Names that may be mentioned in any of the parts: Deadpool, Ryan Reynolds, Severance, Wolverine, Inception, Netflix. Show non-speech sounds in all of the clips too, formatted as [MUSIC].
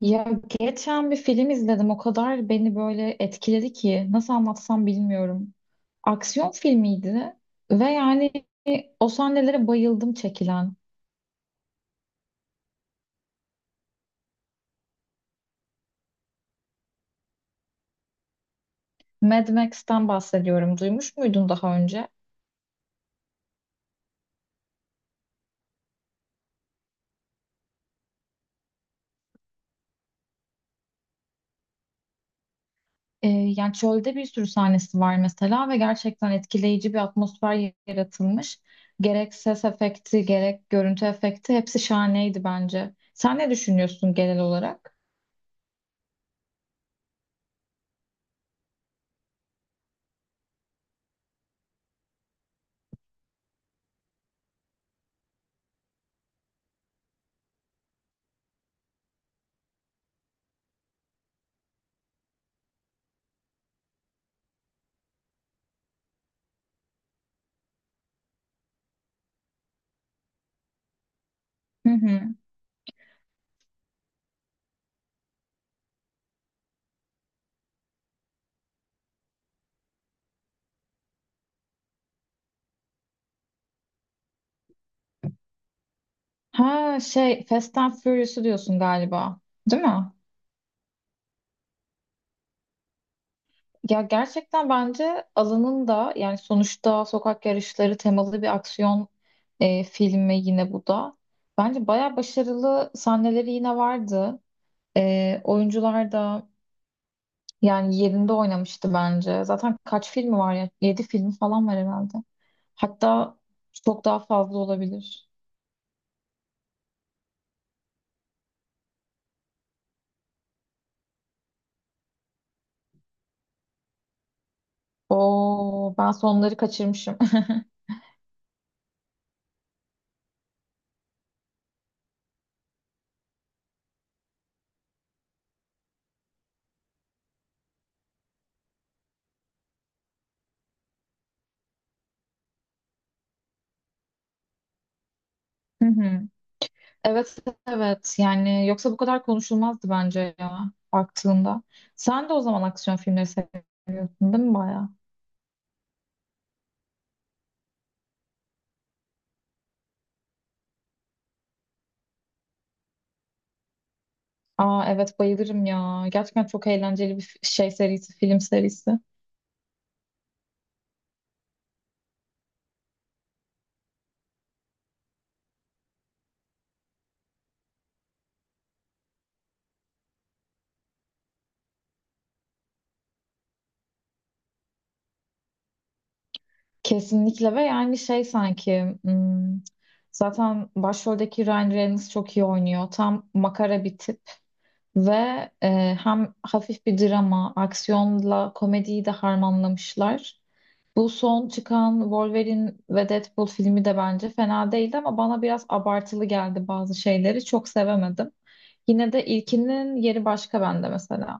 Ya geçen bir film izledim. O kadar beni böyle etkiledi ki nasıl anlatsam bilmiyorum. Aksiyon filmiydi ve yani o sahnelere bayıldım çekilen. Mad Max'ten bahsediyorum. Duymuş muydun daha önce? Yani çölde bir sürü sahnesi var mesela ve gerçekten etkileyici bir atmosfer yaratılmış. Gerek ses efekti, gerek görüntü efekti hepsi şahaneydi bence. Sen ne düşünüyorsun genel olarak? Hı hı. Ha şey Fast and Furious'u diyorsun galiba. Değil mi? Ya gerçekten bence alanın da yani sonuçta sokak yarışları temalı bir aksiyon filmi yine bu da. Bence bayağı başarılı sahneleri yine vardı. Oyuncular da yani yerinde oynamıştı bence. Zaten kaç filmi var ya? 7 film falan var herhalde. Hatta çok daha fazla olabilir. Oo, ben sonları kaçırmışım. [LAUGHS] Hı hı. Evet evet, yani yoksa bu kadar konuşulmazdı bence ya baktığında. Sen de o zaman aksiyon filmleri seyrettin, değil mi, bayağı? Aa evet, bayılırım ya. Gerçekten çok eğlenceli bir şey serisi, film serisi. Kesinlikle ve yani şey sanki zaten başroldeki Ryan Reynolds çok iyi oynuyor. Tam makara bir tip ve hem hafif bir drama, aksiyonla komediyi de harmanlamışlar. Bu son çıkan Wolverine ve Deadpool filmi de bence fena değildi ama bana biraz abartılı geldi bazı şeyleri. Çok sevemedim. Yine de ilkinin yeri başka bende mesela.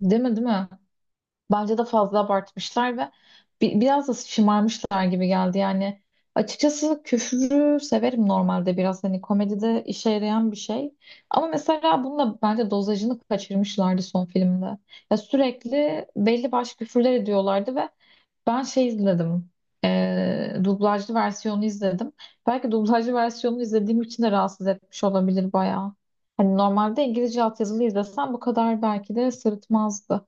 Değil mi, değil mi? Bence de fazla abartmışlar ve biraz da şımarmışlar gibi geldi yani. Açıkçası küfürü severim normalde, biraz hani komedide işe yarayan bir şey. Ama mesela bununla bence dozajını kaçırmışlardı son filmde. Ya sürekli belli başlı küfürler ediyorlardı ve ben şey izledim. Dublajlı versiyonu izledim. Belki dublajlı versiyonunu izlediğim için de rahatsız etmiş olabilir bayağı. Hani normalde İngilizce altyazılı izlesem bu kadar belki de sırıtmazdı.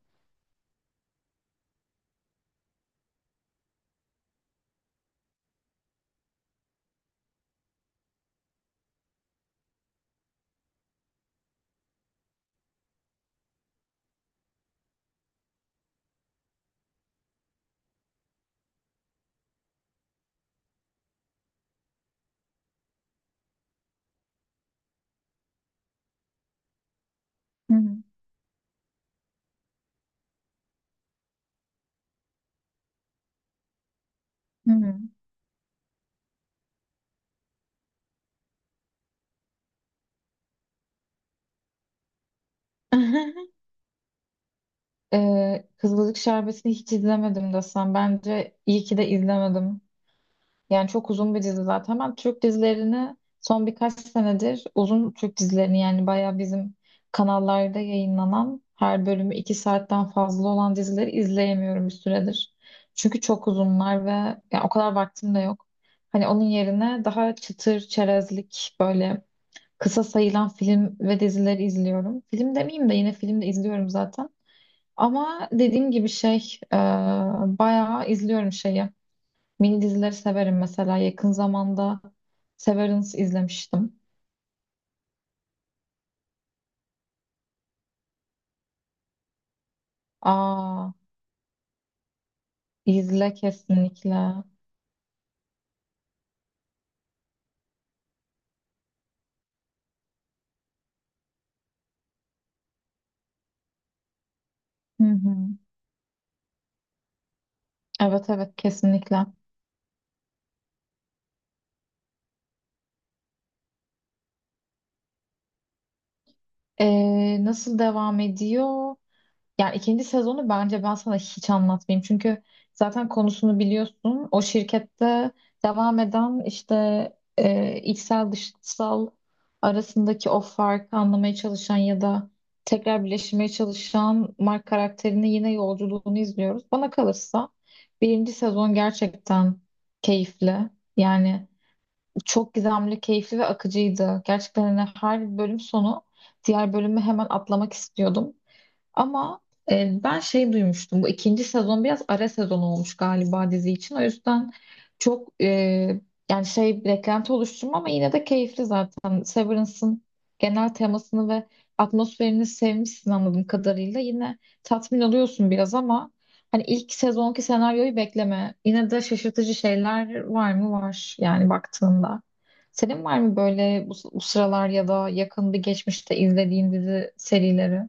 Hı hı. Hı. [LAUGHS] Kızılcık Şerbeti'ni hiç izlemedim desem. Bence iyi ki de izlemedim. Yani çok uzun bir dizi zaten. Ben Türk dizilerini son birkaç senedir, uzun Türk dizilerini yani, bayağı bizim kanallarda yayınlanan her bölümü 2 saatten fazla olan dizileri izleyemiyorum bir süredir. Çünkü çok uzunlar ve yani o kadar vaktim de yok. Hani onun yerine daha çıtır çerezlik böyle kısa sayılan film ve dizileri izliyorum. Film demeyeyim de, yine film de izliyorum zaten. Ama dediğim gibi, şey bayağı izliyorum şeyi. Mini dizileri severim mesela. Yakın zamanda Severance izlemiştim. Aa, izle kesinlikle. Hı hı. Evet evet, kesinlikle. Nasıl devam ediyor? Yani ikinci sezonu bence ben sana hiç anlatmayayım. Çünkü zaten konusunu biliyorsun. O şirkette devam eden işte içsel dışsal arasındaki o farkı anlamaya çalışan ya da tekrar birleşmeye çalışan Mark karakterinin yine yolculuğunu izliyoruz. Bana kalırsa birinci sezon gerçekten keyifli. Yani çok gizemli, keyifli ve akıcıydı. Gerçekten hani her bölüm sonu diğer bölümü hemen atlamak istiyordum. Ama ben şey duymuştum. Bu ikinci sezon biraz ara sezon olmuş galiba dizi için. O yüzden çok yani şey beklenti oluşturma ama yine de keyifli zaten. Severance'ın genel temasını ve atmosferini sevmişsin anladığım kadarıyla. Yine tatmin oluyorsun biraz ama hani ilk sezonki senaryoyu bekleme. Yine de şaşırtıcı şeyler var mı? Var yani baktığında. Senin var mı böyle bu sıralar ya da yakın bir geçmişte izlediğin dizi serileri?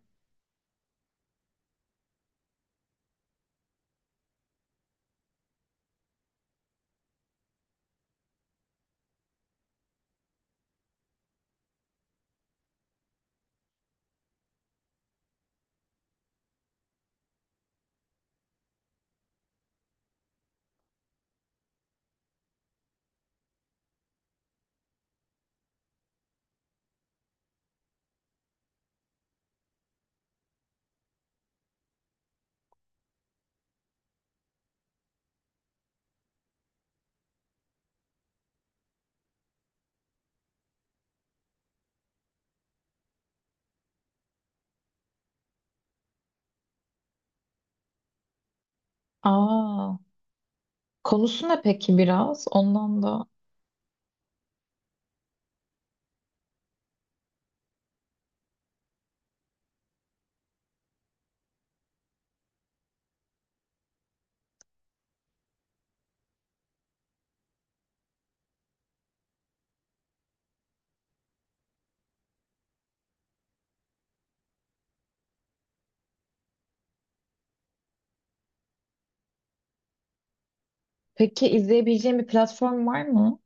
Aa. Konusu ne peki biraz? Ondan da. Peki izleyebileceğim bir platform var mı?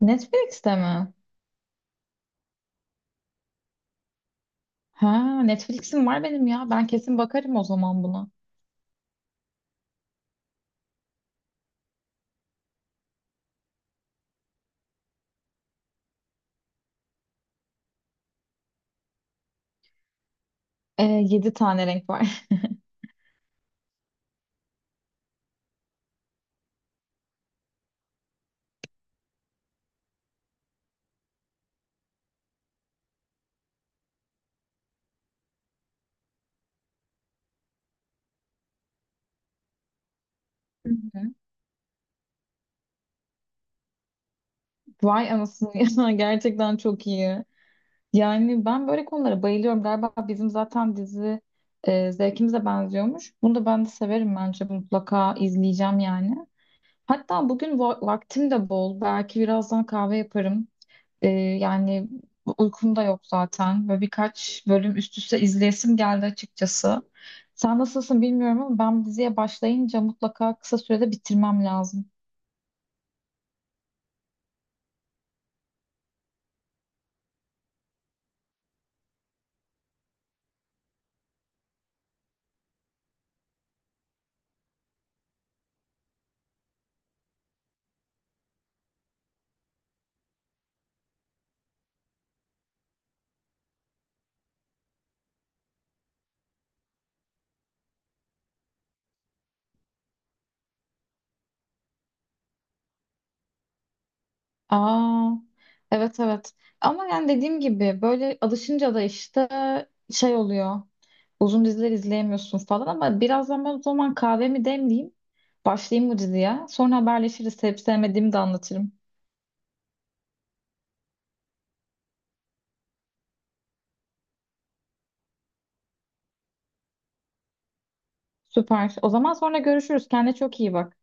Netflix'te mi? Ha, Netflix'im var benim ya. Ben kesin bakarım o zaman buna. 7 tane renk var. [LAUGHS] Hı hı. Vay anasını, [LAUGHS] ya gerçekten çok iyi. Yani ben böyle konulara bayılıyorum. Galiba bizim zaten dizi zevkimize benziyormuş. Bunu da ben de severim, bence mutlaka izleyeceğim yani. Hatta bugün vaktim de bol. Belki birazdan kahve yaparım. Yani uykum da yok zaten. Böyle birkaç bölüm üst üste izleyesim geldi açıkçası. Sen nasılsın bilmiyorum ama ben diziye başlayınca mutlaka kısa sürede bitirmem lazım. Aa, evet evet. Ama yani dediğim gibi böyle alışınca da işte şey oluyor. Uzun diziler izleyemiyorsun falan, ama birazdan ben o zaman kahvemi demleyeyim. Başlayayım bu diziye. Sonra haberleşiriz. Sevip sevmediğimi de anlatırım. Süper. O zaman sonra görüşürüz. Kendine çok iyi bak.